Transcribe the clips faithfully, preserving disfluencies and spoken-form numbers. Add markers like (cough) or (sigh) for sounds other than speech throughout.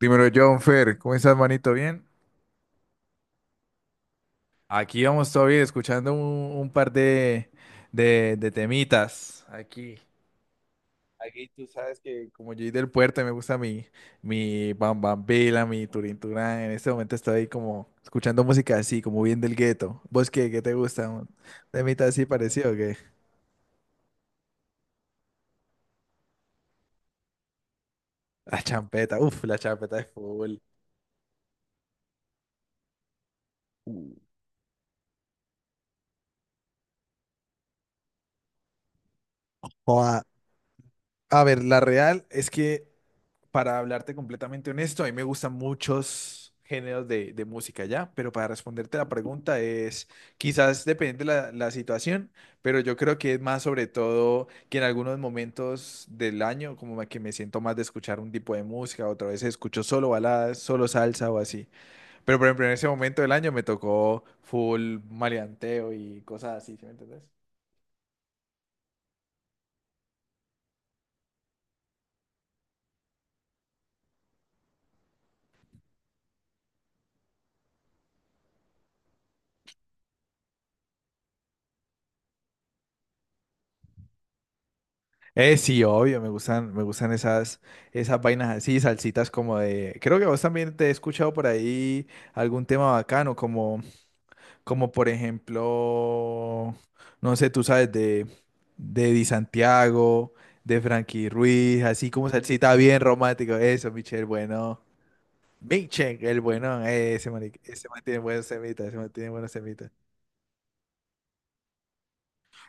Dímelo, John Fer, ¿cómo estás, manito? ¿Bien? Aquí vamos todavía escuchando un, un par de, de, de temitas. Aquí, aquí tú sabes que como yo soy del puerto, me gusta mi, mi Bam Bam Vela, mi Turín Turán. En este momento estoy ahí como escuchando música así, como bien del gueto. ¿Vos qué, qué te gusta? ¿Un temita así parecido o qué? La champeta, uff, la champeta es full. Joda. A ver, la real es que para hablarte completamente honesto, a mí me gustan muchos géneros de, de música ya, pero para responderte la pregunta es, quizás depende la, la situación, pero yo creo que es más sobre todo que en algunos momentos del año, como que me siento más de escuchar un tipo de música, otra vez escucho solo baladas, solo salsa o así. Pero por ejemplo, en ese momento del año me tocó full maleanteo y cosas así, ¿sí me entendés? Eh, sí, obvio, me gustan, me gustan esas, esas vainas así, salsitas como de. Creo que vos también te he escuchado por ahí algún tema bacano, como, como por ejemplo, no sé, tú sabes, de, de Di Santiago, de Frankie Ruiz, así como salsita bien romántico. Eso, Michel, bueno. Big Check, el bueno, eh, ese man, ese man tiene buenos semitas, ese man tiene buenos semitas.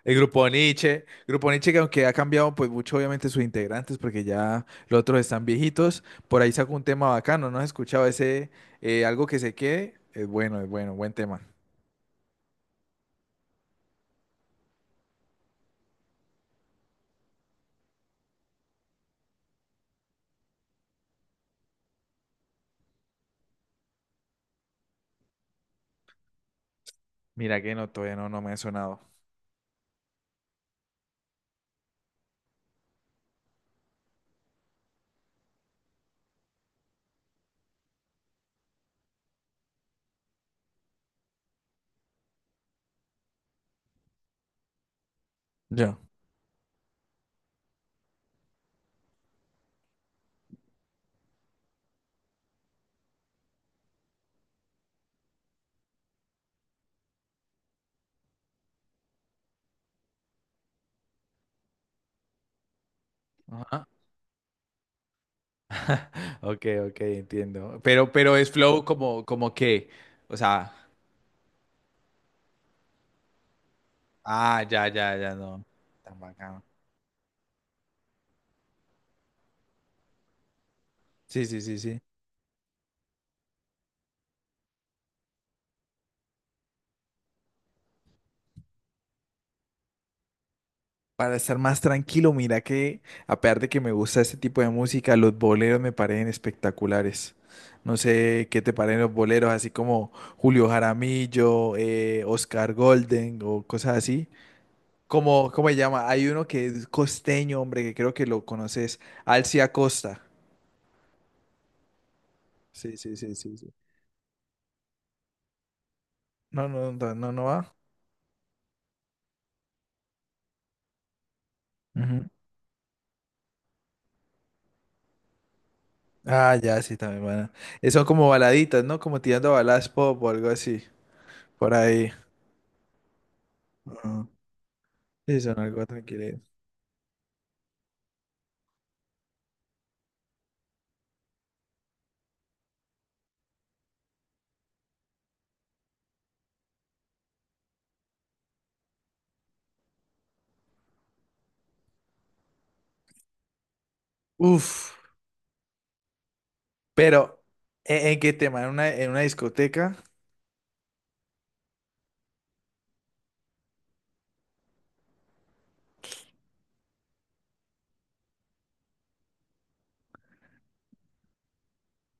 El grupo Nietzsche, grupo Nietzsche que aunque ha cambiado pues mucho obviamente sus integrantes porque ya los otros están viejitos, por ahí sacó un tema bacano, ¿no has escuchado ese eh, algo que se quede? Es bueno, es bueno, buen tema. Mira que no, todavía no, no me ha sonado. Yo. Ajá. Ok, ok, entiendo. Pero, pero es flow como, como que, o sea, ah, ya, ya, ya, no. Tan bacano. Sí, sí, sí, sí. Para estar más tranquilo, mira que a pesar de que me gusta este tipo de música, los boleros me parecen espectaculares. No sé qué te parecen los boleros, así como Julio Jaramillo, eh, Oscar Golden o cosas así. Como, ¿cómo se llama? Hay uno que es costeño, hombre, que creo que lo conoces, Alci Acosta. Sí, sí, sí, sí, sí. No, no, no, no, no va. Ujú. Ah, ya, sí, también van. Eh, Son como baladitas, ¿no? Como tirando a baladas pop o algo así, por ahí. Ujú. Sí, son algo tranquilo. Uf, pero ¿en, en qué tema? ¿En una, en una discoteca?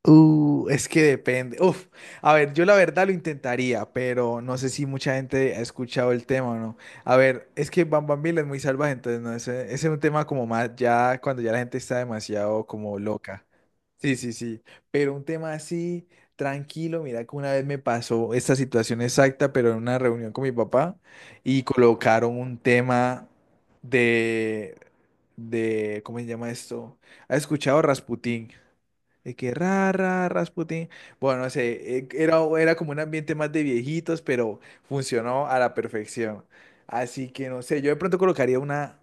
Uh, es que depende. Uf, a ver, yo la verdad lo intentaría, pero no sé si mucha gente ha escuchado el tema o no. A ver, es que Bam Bam Biela es muy salvaje, entonces no, ese, ese es un tema como más ya cuando ya la gente está demasiado como loca. Sí, sí, sí, pero un tema así, tranquilo, mira que una vez me pasó esta situación exacta, pero en una reunión con mi papá y colocaron un tema de, de, ¿cómo se llama esto? ¿Has escuchado Rasputín? De que ra, ra, Rasputín. Bueno, no sé, eh, era, era como un ambiente más de viejitos, pero funcionó a la perfección. Así que no sé, yo de pronto colocaría una,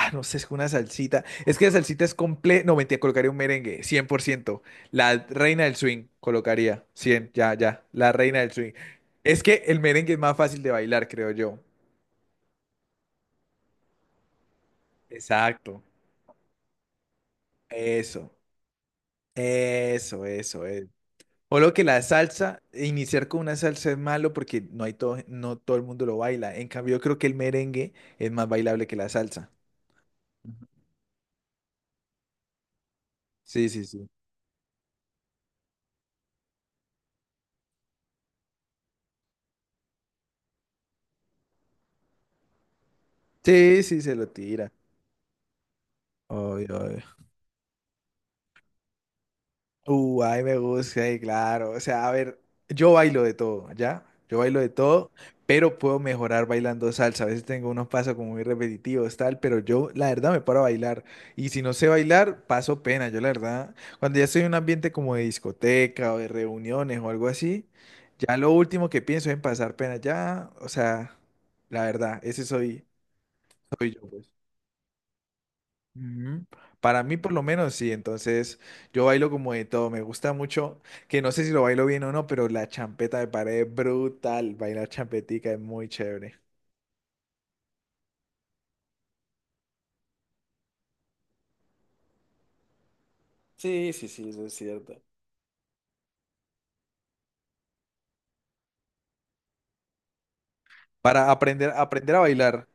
ah, no sé, es que una salsita. Es que la salsita es completa. No, mentira, colocaría un merengue, cien por ciento. La reina del swing, colocaría, cien, ya, ya. La reina del swing. Es que el merengue es más fácil de bailar, creo yo. Exacto. Eso, eso, eso, es. O lo que la salsa, iniciar con una salsa es malo porque no hay todo, no todo el mundo lo baila. En cambio, yo creo que el merengue es más bailable que la salsa. Ujú. Sí, sí, sí. Sí, sí, se lo tira. Obvio, obvio. Uh, ay, me gusta, ay, claro. O sea, a ver, yo bailo de todo, ¿ya? Yo bailo de todo, pero puedo mejorar bailando salsa. A veces tengo unos pasos como muy repetitivos, tal, pero yo, la verdad, me paro a bailar. Y si no sé bailar, paso pena. Yo, la verdad, cuando ya estoy en un ambiente como de discoteca o de reuniones o algo así, ya lo último que pienso es en pasar pena. Ya, o sea, la verdad, ese soy, soy yo, pues. Ujú. Para mí, por lo menos, sí. Entonces, yo bailo como de todo. Me gusta mucho, que no sé si lo bailo bien o no, pero la champeta me parece brutal. Bailar champetica es muy chévere. Sí, sí, sí, eso es cierto. Para aprender, aprender a bailar.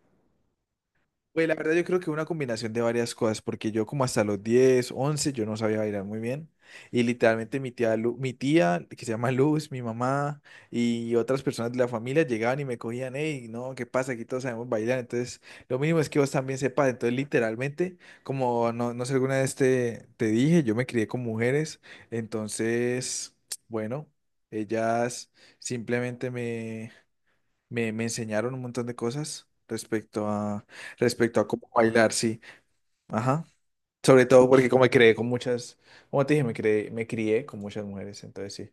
Pues la verdad yo creo que una combinación de varias cosas, porque yo como hasta los diez once yo no sabía bailar muy bien y literalmente mi tía, Lu- mi tía que se llama Luz, mi mamá y otras personas de la familia llegaban y me cogían, hey, no, ¿qué pasa? Aquí todos sabemos bailar, entonces lo mínimo es que vos también sepas, entonces literalmente como no, no sé alguna vez te, te dije, yo me crié con mujeres, entonces, (tsk) bueno, ellas simplemente me, me enseñaron un montón de cosas respecto a, respecto a cómo bailar, sí. Ajá. Sobre todo porque como me creé con muchas, como te dije, me creé, me crié con muchas mujeres, entonces sí.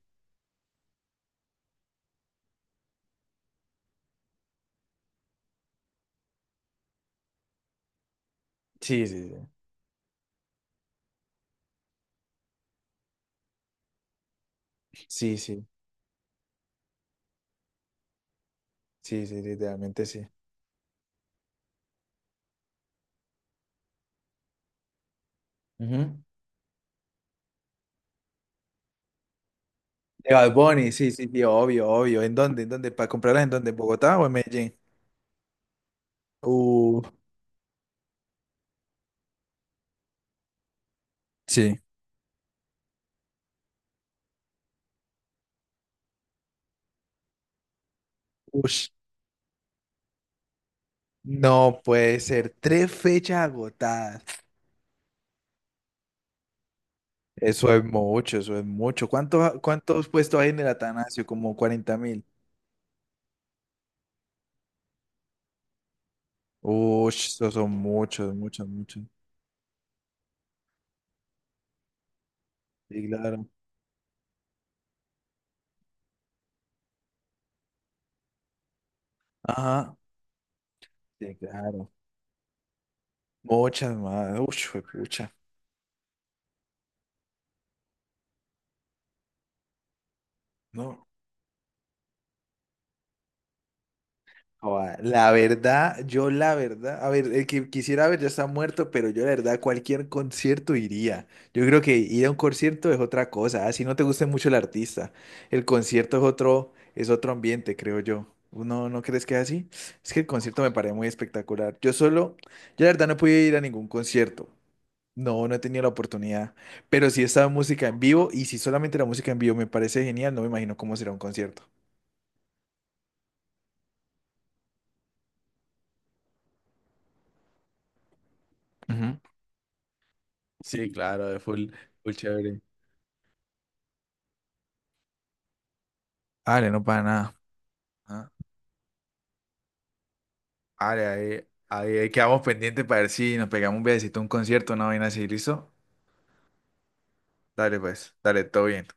Sí, sí, sí. Sí, sí, sí, sí, literalmente sí. Ujú. De Bad Bunny, sí, sí, sí, obvio, obvio. ¿En dónde? ¿En dónde? ¿Para comprarlas en dónde? ¿En Bogotá o en Medellín? Uh, Sí. Ush, no puede ser. Tres fechas agotadas. Eso es mucho, eso es mucho. ¿Cuánto, cuántos puestos hay en el Atanasio? Como cuarenta mil. Uy, esos son muchos, muchos, muchos. Sí, claro. Ajá, sí, claro. Muchas más. Uy, juepucha. No. Joda, la verdad, yo la verdad, a ver, el que quisiera ver ya está muerto, pero yo la verdad a cualquier concierto iría. Yo creo que ir a un concierto es otra cosa, así no te guste mucho el artista. El concierto es otro, es otro ambiente, creo yo. ¿No, no crees que es así? Es que el concierto me parece muy espectacular. Yo solo, yo la verdad no pude ir a ningún concierto. No, no he tenido la oportunidad, pero sí estaba música en vivo y si solamente la música en vivo me parece genial, no me imagino cómo será un concierto. Ujú. Sí, claro, es full, full chévere. Vale, no para nada. Ajá. Vale, ahí, ahí, ahí quedamos pendientes para ver si nos pegamos un viajecito a un concierto, una vaina así, ¿listo? Dale pues, dale, todo bien.